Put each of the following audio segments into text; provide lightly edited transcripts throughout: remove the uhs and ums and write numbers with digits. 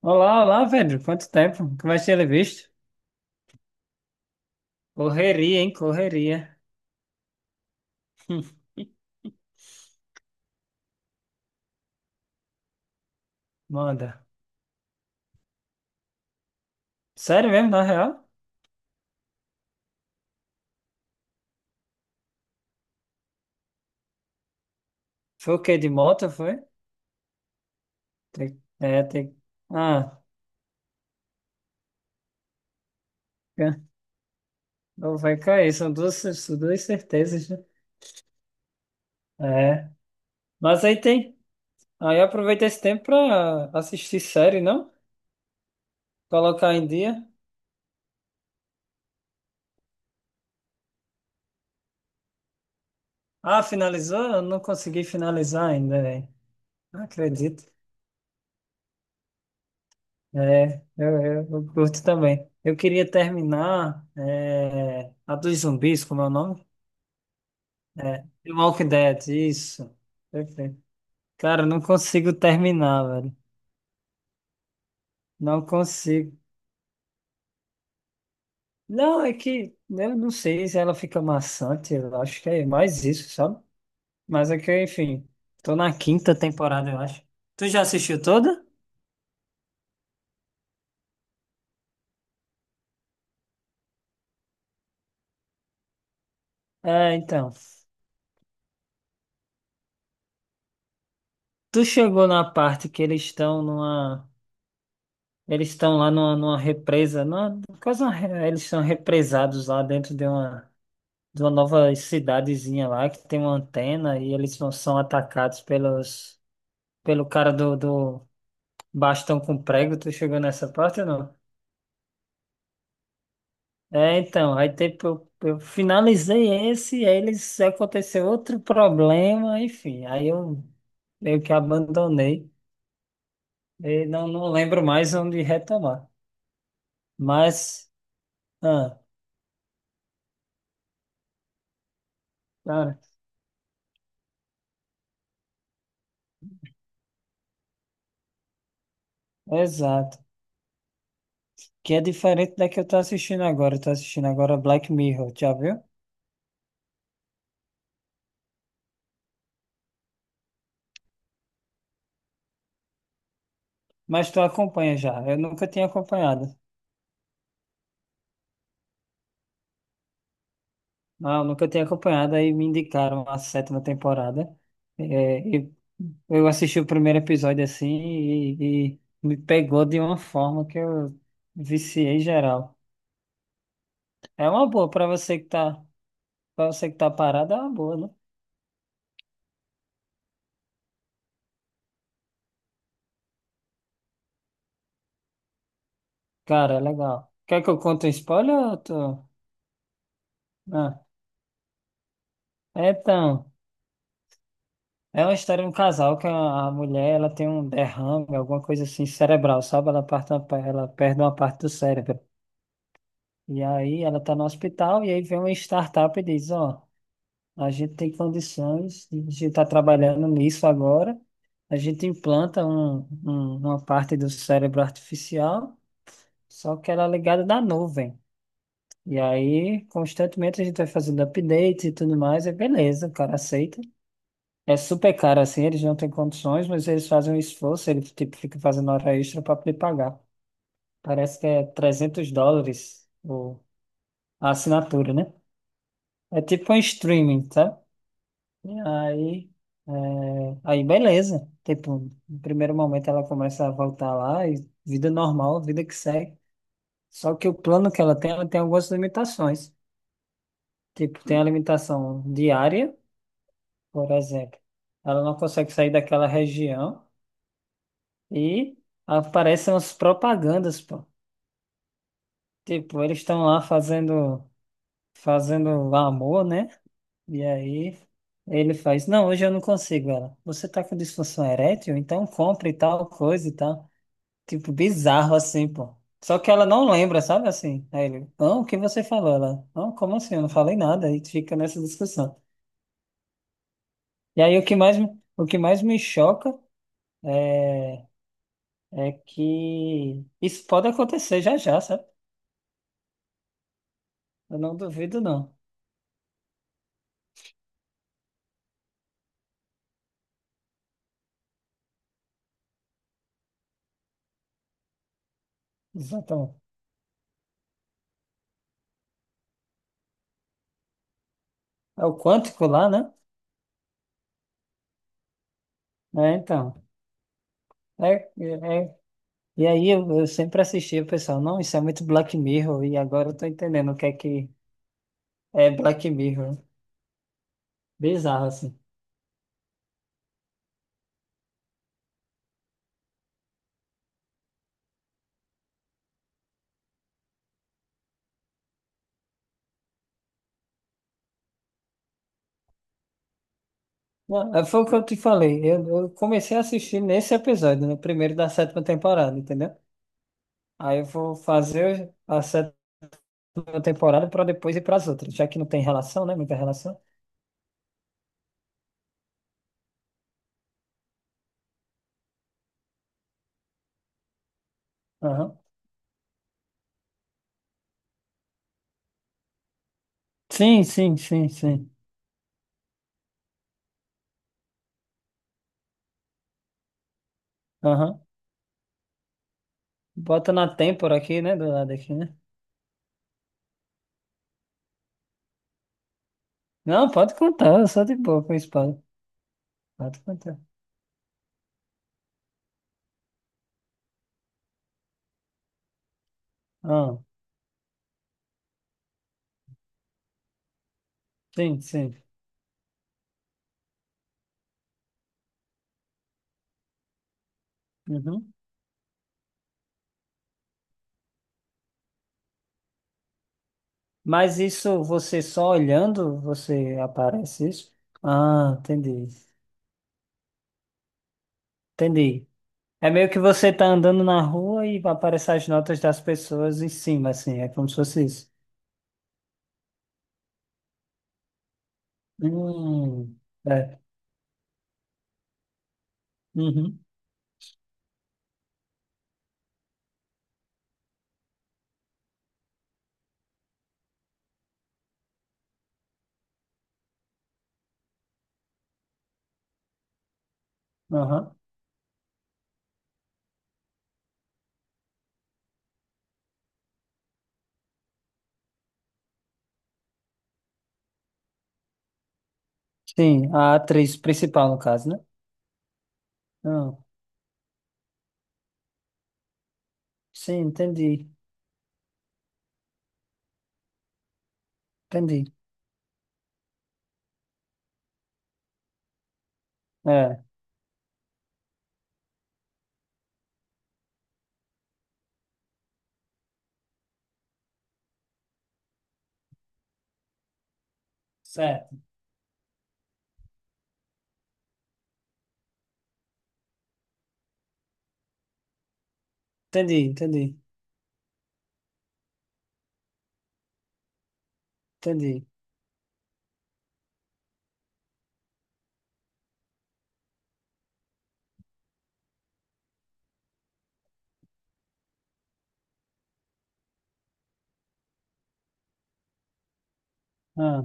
Olá, olá, Pedro. Quanto tempo? Como é que tinha visto? Correria, hein? Correria. Manda. Sério mesmo, na real? Foi o quê? De moto, foi? É, tem... Ah, é. Não vai cair. São duas certezas, né? É. Mas aí tem. Aí aproveita esse tempo pra assistir série, não? Colocar em dia. Ah, finalizou? Eu não consegui finalizar ainda, velho. Não acredito. É, eu curto também. Eu queria terminar é, a dos zumbis, como é o nome? É, The Walking Dead, isso. Perfeito. Cara, eu não consigo terminar, velho. Não consigo. Não, é que eu não sei se ela fica maçante, eu acho que é mais isso, sabe? Mas é que, enfim, tô na quinta temporada, eu acho. Tu já assistiu toda? É, então. Tu chegou na parte que eles estão numa. Eles estão lá numa, numa represa, numa, quase uma, eles são represados lá dentro de uma nova cidadezinha lá que tem uma antena e eles são, são atacados pelos, pelo cara do, do bastão com prego. Tu chegou nessa parte ou não? É, então, aí tipo, eu, finalizei esse, e aí eles aconteceu outro problema, enfim, aí eu meio que abandonei e não, não lembro mais onde retomar. Mas, ah, cara, exato. Que é diferente da que eu tô assistindo agora. Eu tô assistindo agora Black Mirror, já viu? Mas tu acompanha já. Eu nunca tinha acompanhado. Não, eu nunca tinha acompanhado. Aí me indicaram a sétima temporada. É, e eu assisti o primeiro episódio assim e me pegou de uma forma que eu viciei geral. É uma boa pra você que tá, para você que tá parado, é uma boa, né? Cara, é legal. Quer que eu conte um spoiler? Ou tu... Ah, então. É uma história de um casal que a mulher ela tem um derrame, alguma coisa assim cerebral, sabe? Ela, parte, ela perde uma parte do cérebro. E aí ela tá no hospital e aí vem uma startup e diz, ó, a gente tem condições, a gente está trabalhando nisso agora, a gente implanta uma parte do cérebro artificial, só que ela é ligada na nuvem. E aí, constantemente, a gente vai fazendo updates e tudo mais, é beleza, o cara aceita. É super caro assim, eles não têm condições, mas eles fazem um esforço, eles tipo, ficam fazendo hora extra para poder pagar. Parece que é $300 o, a assinatura, né? É tipo um streaming, tá? E aí, é, aí beleza. Tipo, no primeiro momento ela começa a voltar lá e vida normal, vida que segue. Só que o plano que ela tem algumas limitações. Tipo, tem a limitação diária, por exemplo. Ela não consegue sair daquela região. E aparecem as propagandas, pô. Tipo, eles estão lá fazendo, fazendo amor, né? E aí ele faz, não, hoje eu não consigo, ela. Você tá com disfunção erétil? Então compre tal coisa e tal. Tipo, bizarro assim, pô. Só que ela não lembra, sabe assim? Aí ele, não, o que você falou? Ela, não, como assim? Eu não falei nada. Aí fica nessa discussão. E aí o que mais me choca é, é que isso pode acontecer já já, sabe? Eu não duvido, não. Exatamente. É o quântico lá, né? É, então. É, é. É. E aí eu sempre assistia, o pessoal, não, isso é muito Black Mirror, e agora eu tô entendendo o que é Black Mirror. Bizarro, assim. Não, é, foi o que eu te falei. Eu comecei a assistir nesse episódio, no primeiro da sétima temporada, entendeu? Aí eu vou fazer a sétima temporada para depois ir para as outras, já que não tem relação, né? Muita relação. Aham. Sim, sim, sim, sim. Aham. Bota na têmpora aqui, né? Do lado aqui, né? Não, pode contar, só de boa com a espada. Pode contar. Ah, sim, sim. Uhum. Mas isso você só olhando, você aparece isso? Ah, entendi. Entendi. É meio que você tá andando na rua e aparecem as notas das pessoas em cima, assim. É como se fosse isso. Hum, é. Uhum. Aham. Sim, a atriz principal, no caso, né? Ah, sim, entendi. Entendi. É, certo. Entendi, entendi. Entendi. Ah,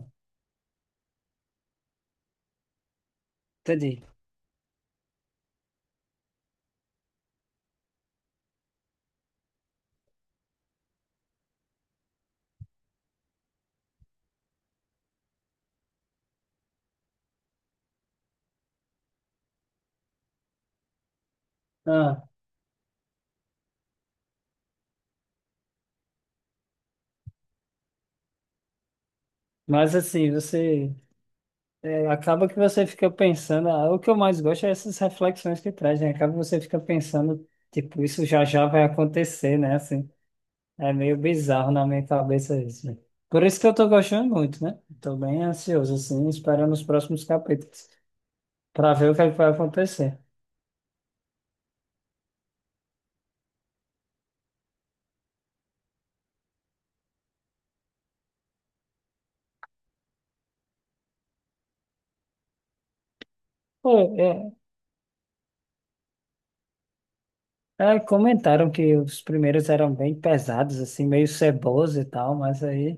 entendi. Ah, mas assim, você é, acaba que você fica pensando, ah, o que eu mais gosto é essas reflexões que traz, né? Acaba que você fica pensando, tipo, isso já já vai acontecer, né? Assim, é meio bizarro na minha cabeça isso. Né? Por isso que eu tô gostando muito, né? Tô bem ansioso, assim, esperando os próximos capítulos para ver o que é que vai acontecer. Pô, é, é, comentaram que os primeiros eram bem pesados, assim, meio ceboso e tal, mas aí.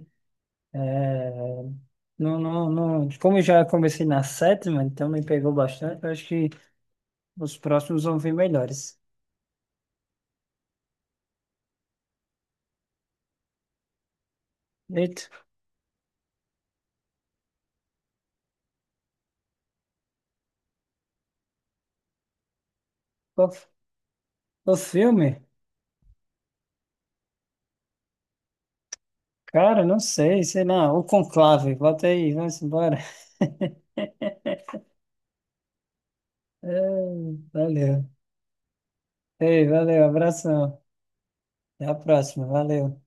Não, não, não. Como eu já comecei na sétima, então me pegou bastante. Eu acho que os próximos vão vir melhores. Eita, o, o filme? Cara, não sei, sei lá. O Conclave, bota aí, vamos embora. É, valeu. Ei, valeu, abração. Até a próxima, valeu.